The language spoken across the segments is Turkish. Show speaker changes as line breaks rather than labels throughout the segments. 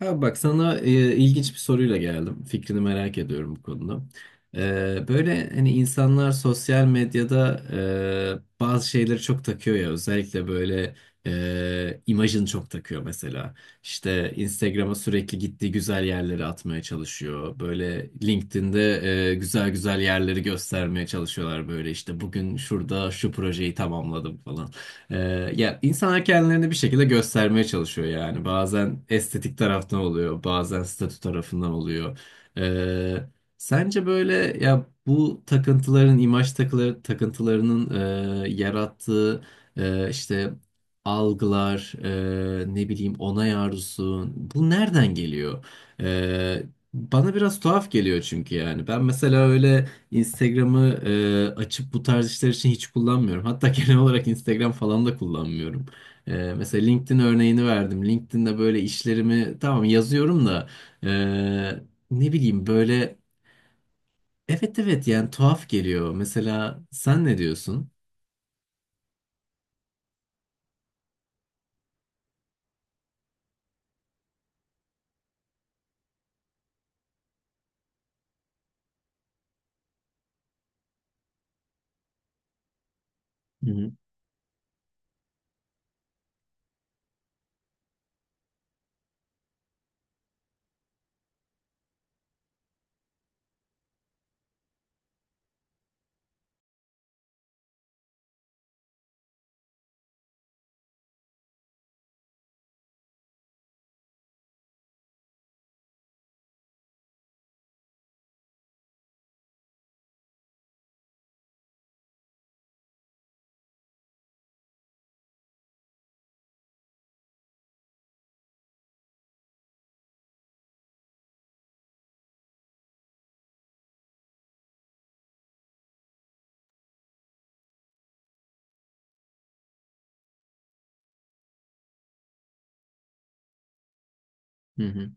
Ha, bak sana ilginç bir soruyla geldim. Fikrini merak ediyorum bu konuda. Böyle hani insanlar sosyal medyada bazı şeyleri çok takıyor ya. Özellikle böyle imajını çok takıyor mesela. İşte Instagram'a sürekli gittiği güzel yerleri atmaya çalışıyor. Böyle LinkedIn'de güzel güzel yerleri göstermeye çalışıyorlar böyle. İşte bugün şurada şu projeyi tamamladım falan. Ee, ya insanlar kendilerini bir şekilde göstermeye çalışıyor yani. Bazen estetik taraftan oluyor, bazen statü tarafından oluyor. Ee, sence böyle ya bu takıntıların, imaj takıları, takıntılarının yarattığı işte algılar, ne bileyim onay arzusu, bu nereden geliyor? Ee, bana biraz tuhaf geliyor çünkü yani. Ben mesela öyle. Instagram'ı açıp bu tarz işler için hiç kullanmıyorum. Hatta genel olarak Instagram falan da kullanmıyorum. Mesela LinkedIn örneğini verdim. LinkedIn'de böyle işlerimi tamam yazıyorum da e, ne bileyim böyle evet evet, yani tuhaf geliyor. Mesela sen ne diyorsun? Hı hı. Hı hı.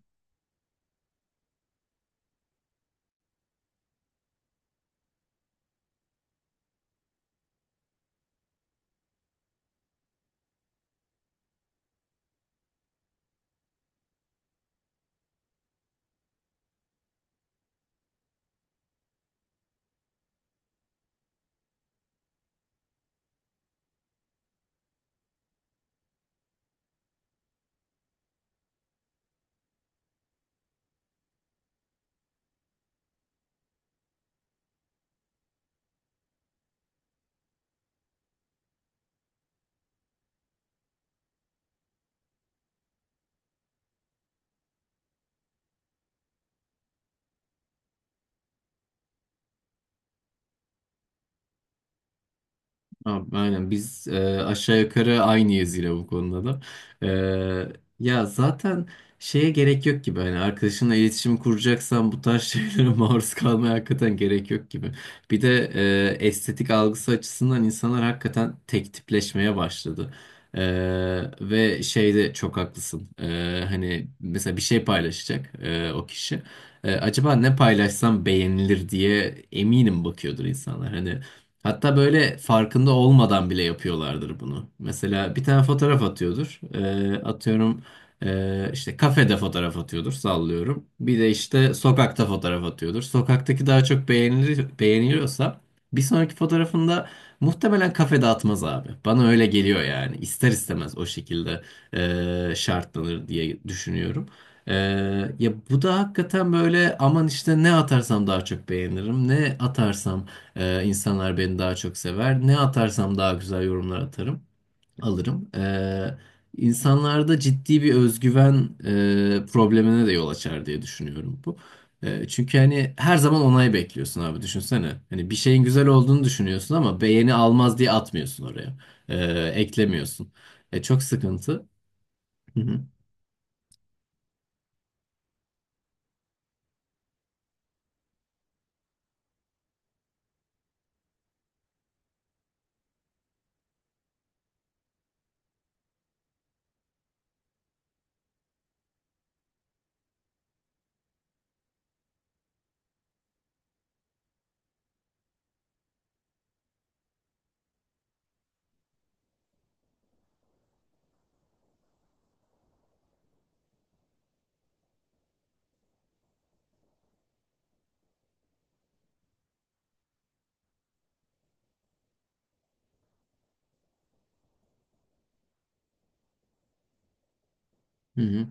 Abi, aynen biz aşağı yukarı aynıyız yine bu konuda da. E, ya zaten şeye gerek yok gibi, hani arkadaşınla iletişim kuracaksan bu tarz şeylere maruz kalmaya hakikaten gerek yok gibi. Bir de estetik algısı açısından insanlar hakikaten tek tipleşmeye başladı. E, ve şeyde çok haklısın. Hani mesela bir şey paylaşacak o kişi. Acaba ne paylaşsam beğenilir diye eminim bakıyordur insanlar. Hani hatta böyle farkında olmadan bile yapıyorlardır bunu. Mesela bir tane fotoğraf atıyordur. Atıyorum işte kafede fotoğraf atıyordur, sallıyorum. Bir de işte sokakta fotoğraf atıyordur. Sokaktaki daha çok beğenilir, beğeniliyorsa bir sonraki fotoğrafında muhtemelen kafede atmaz abi. Bana öyle geliyor yani. İster istemez o şekilde şartlanır diye düşünüyorum. Ee, ya bu da hakikaten böyle aman işte ne atarsam daha çok beğenirim, ne atarsam insanlar beni daha çok sever. Ne atarsam daha güzel yorumlar atarım, alırım. İnsanlarda ciddi bir özgüven problemine de yol açar diye düşünüyorum bu. Çünkü hani her zaman onay bekliyorsun abi, düşünsene. Hani bir şeyin güzel olduğunu düşünüyorsun ama beğeni almaz diye atmıyorsun oraya. Ee, eklemiyorsun. Çok sıkıntı. Hı hı. Hı hı.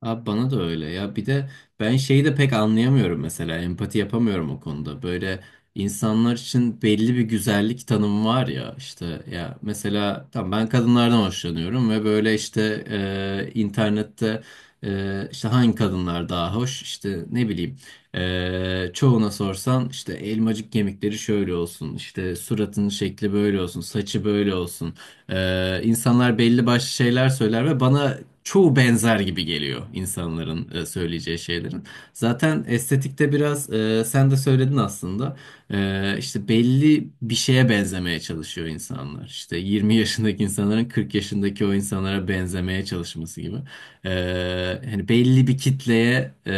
Abi bana da öyle ya, bir de ben şeyi de pek anlayamıyorum, mesela empati yapamıyorum o konuda. Böyle insanlar için belli bir güzellik tanımı var ya işte, ya mesela tam ben kadınlardan hoşlanıyorum ve böyle işte internette işte hangi kadınlar daha hoş, işte ne bileyim çoğuna sorsan işte elmacık kemikleri şöyle olsun, işte suratının şekli böyle olsun, saçı böyle olsun. İnsanlar belli başlı şeyler söyler ve bana çoğu benzer gibi geliyor insanların söyleyeceği şeylerin. Zaten estetikte biraz sen de söyledin aslında. İşte belli bir şeye benzemeye çalışıyor insanlar. İşte 20 yaşındaki insanların 40 yaşındaki o insanlara benzemeye çalışması gibi. Hani belli bir kitleye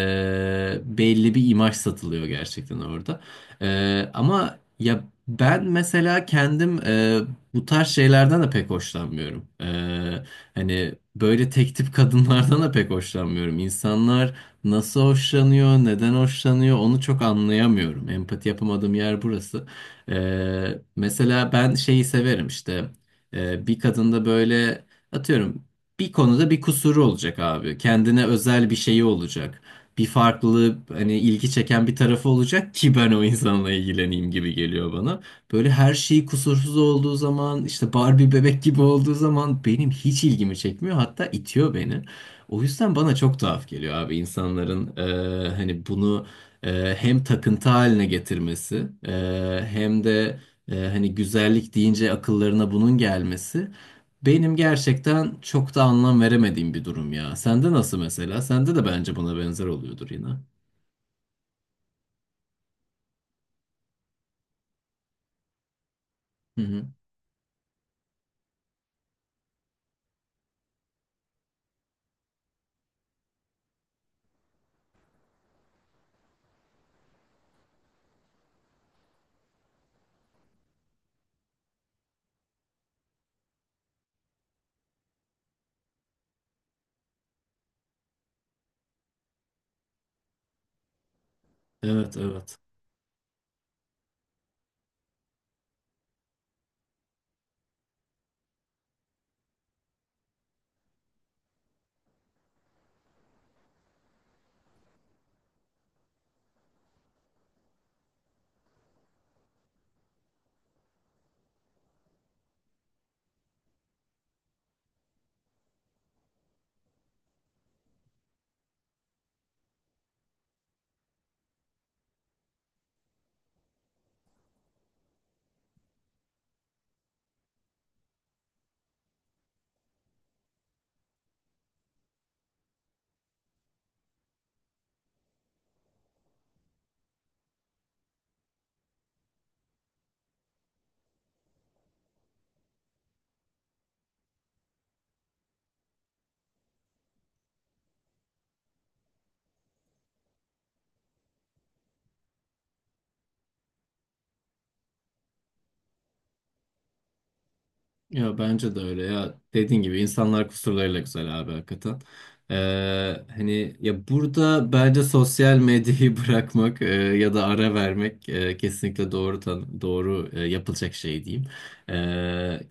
belli bir imaj satılıyor gerçekten orada. Ama ya ben mesela kendim bu tarz şeylerden de pek hoşlanmıyorum. Hani böyle tek tip kadınlardan da pek hoşlanmıyorum. İnsanlar nasıl hoşlanıyor, neden hoşlanıyor, onu çok anlayamıyorum. Empati yapamadığım yer burası. Mesela ben şeyi severim, işte bir kadında böyle, atıyorum, bir konuda bir kusuru olacak abi. Kendine özel bir şeyi olacak. Bir farklılığı, hani ilgi çeken bir tarafı olacak ki ben o insanla ilgileneyim gibi geliyor bana. Böyle her şeyi kusursuz olduğu zaman, işte Barbie bebek gibi olduğu zaman benim hiç ilgimi çekmiyor. Hatta itiyor beni. O yüzden bana çok tuhaf geliyor abi insanların hani bunu hem takıntı haline getirmesi, hem de hani güzellik deyince akıllarına bunun gelmesi. Benim gerçekten çok da anlam veremediğim bir durum ya. Sende nasıl mesela? Sende de bence buna benzer oluyordur yine. Hı hı. Evet, evet. Ya bence de öyle ya, dediğin gibi insanlar kusurlarıyla güzel abi, hakikaten. Ee, hani ya burada bence sosyal medyayı bırakmak ya da ara vermek kesinlikle doğru doğru yapılacak şey diyeyim. Ee,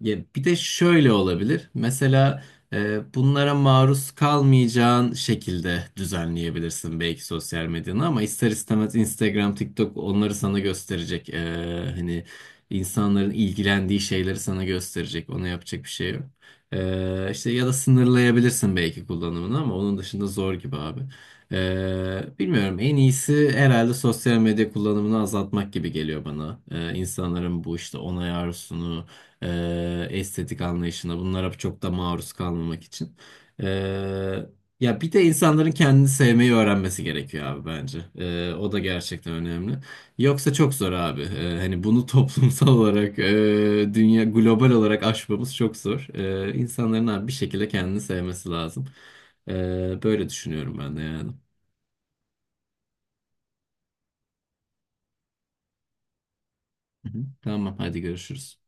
ya bir de şöyle olabilir. Mesela bunlara maruz kalmayacağın şekilde düzenleyebilirsin belki sosyal medyanı, ama ister istemez Instagram, TikTok onları sana gösterecek. Hani İnsanların ilgilendiği şeyleri sana gösterecek. Ona yapacak bir şey yok. İşte ya da sınırlayabilirsin belki kullanımını, ama onun dışında zor gibi abi. Bilmiyorum, en iyisi herhalde sosyal medya kullanımını azaltmak gibi geliyor bana. İnsanların bu işte onay arzusunu, estetik anlayışına, bunlara çok da maruz kalmamak için. Ee, ya bir de insanların kendini sevmeyi öğrenmesi gerekiyor abi, bence. O da gerçekten önemli. Yoksa çok zor abi. Hani bunu toplumsal olarak, dünya global olarak aşmamız çok zor. İnsanların abi bir şekilde kendini sevmesi lazım. Böyle düşünüyorum ben de yani. Hı hı. Tamam, hadi görüşürüz.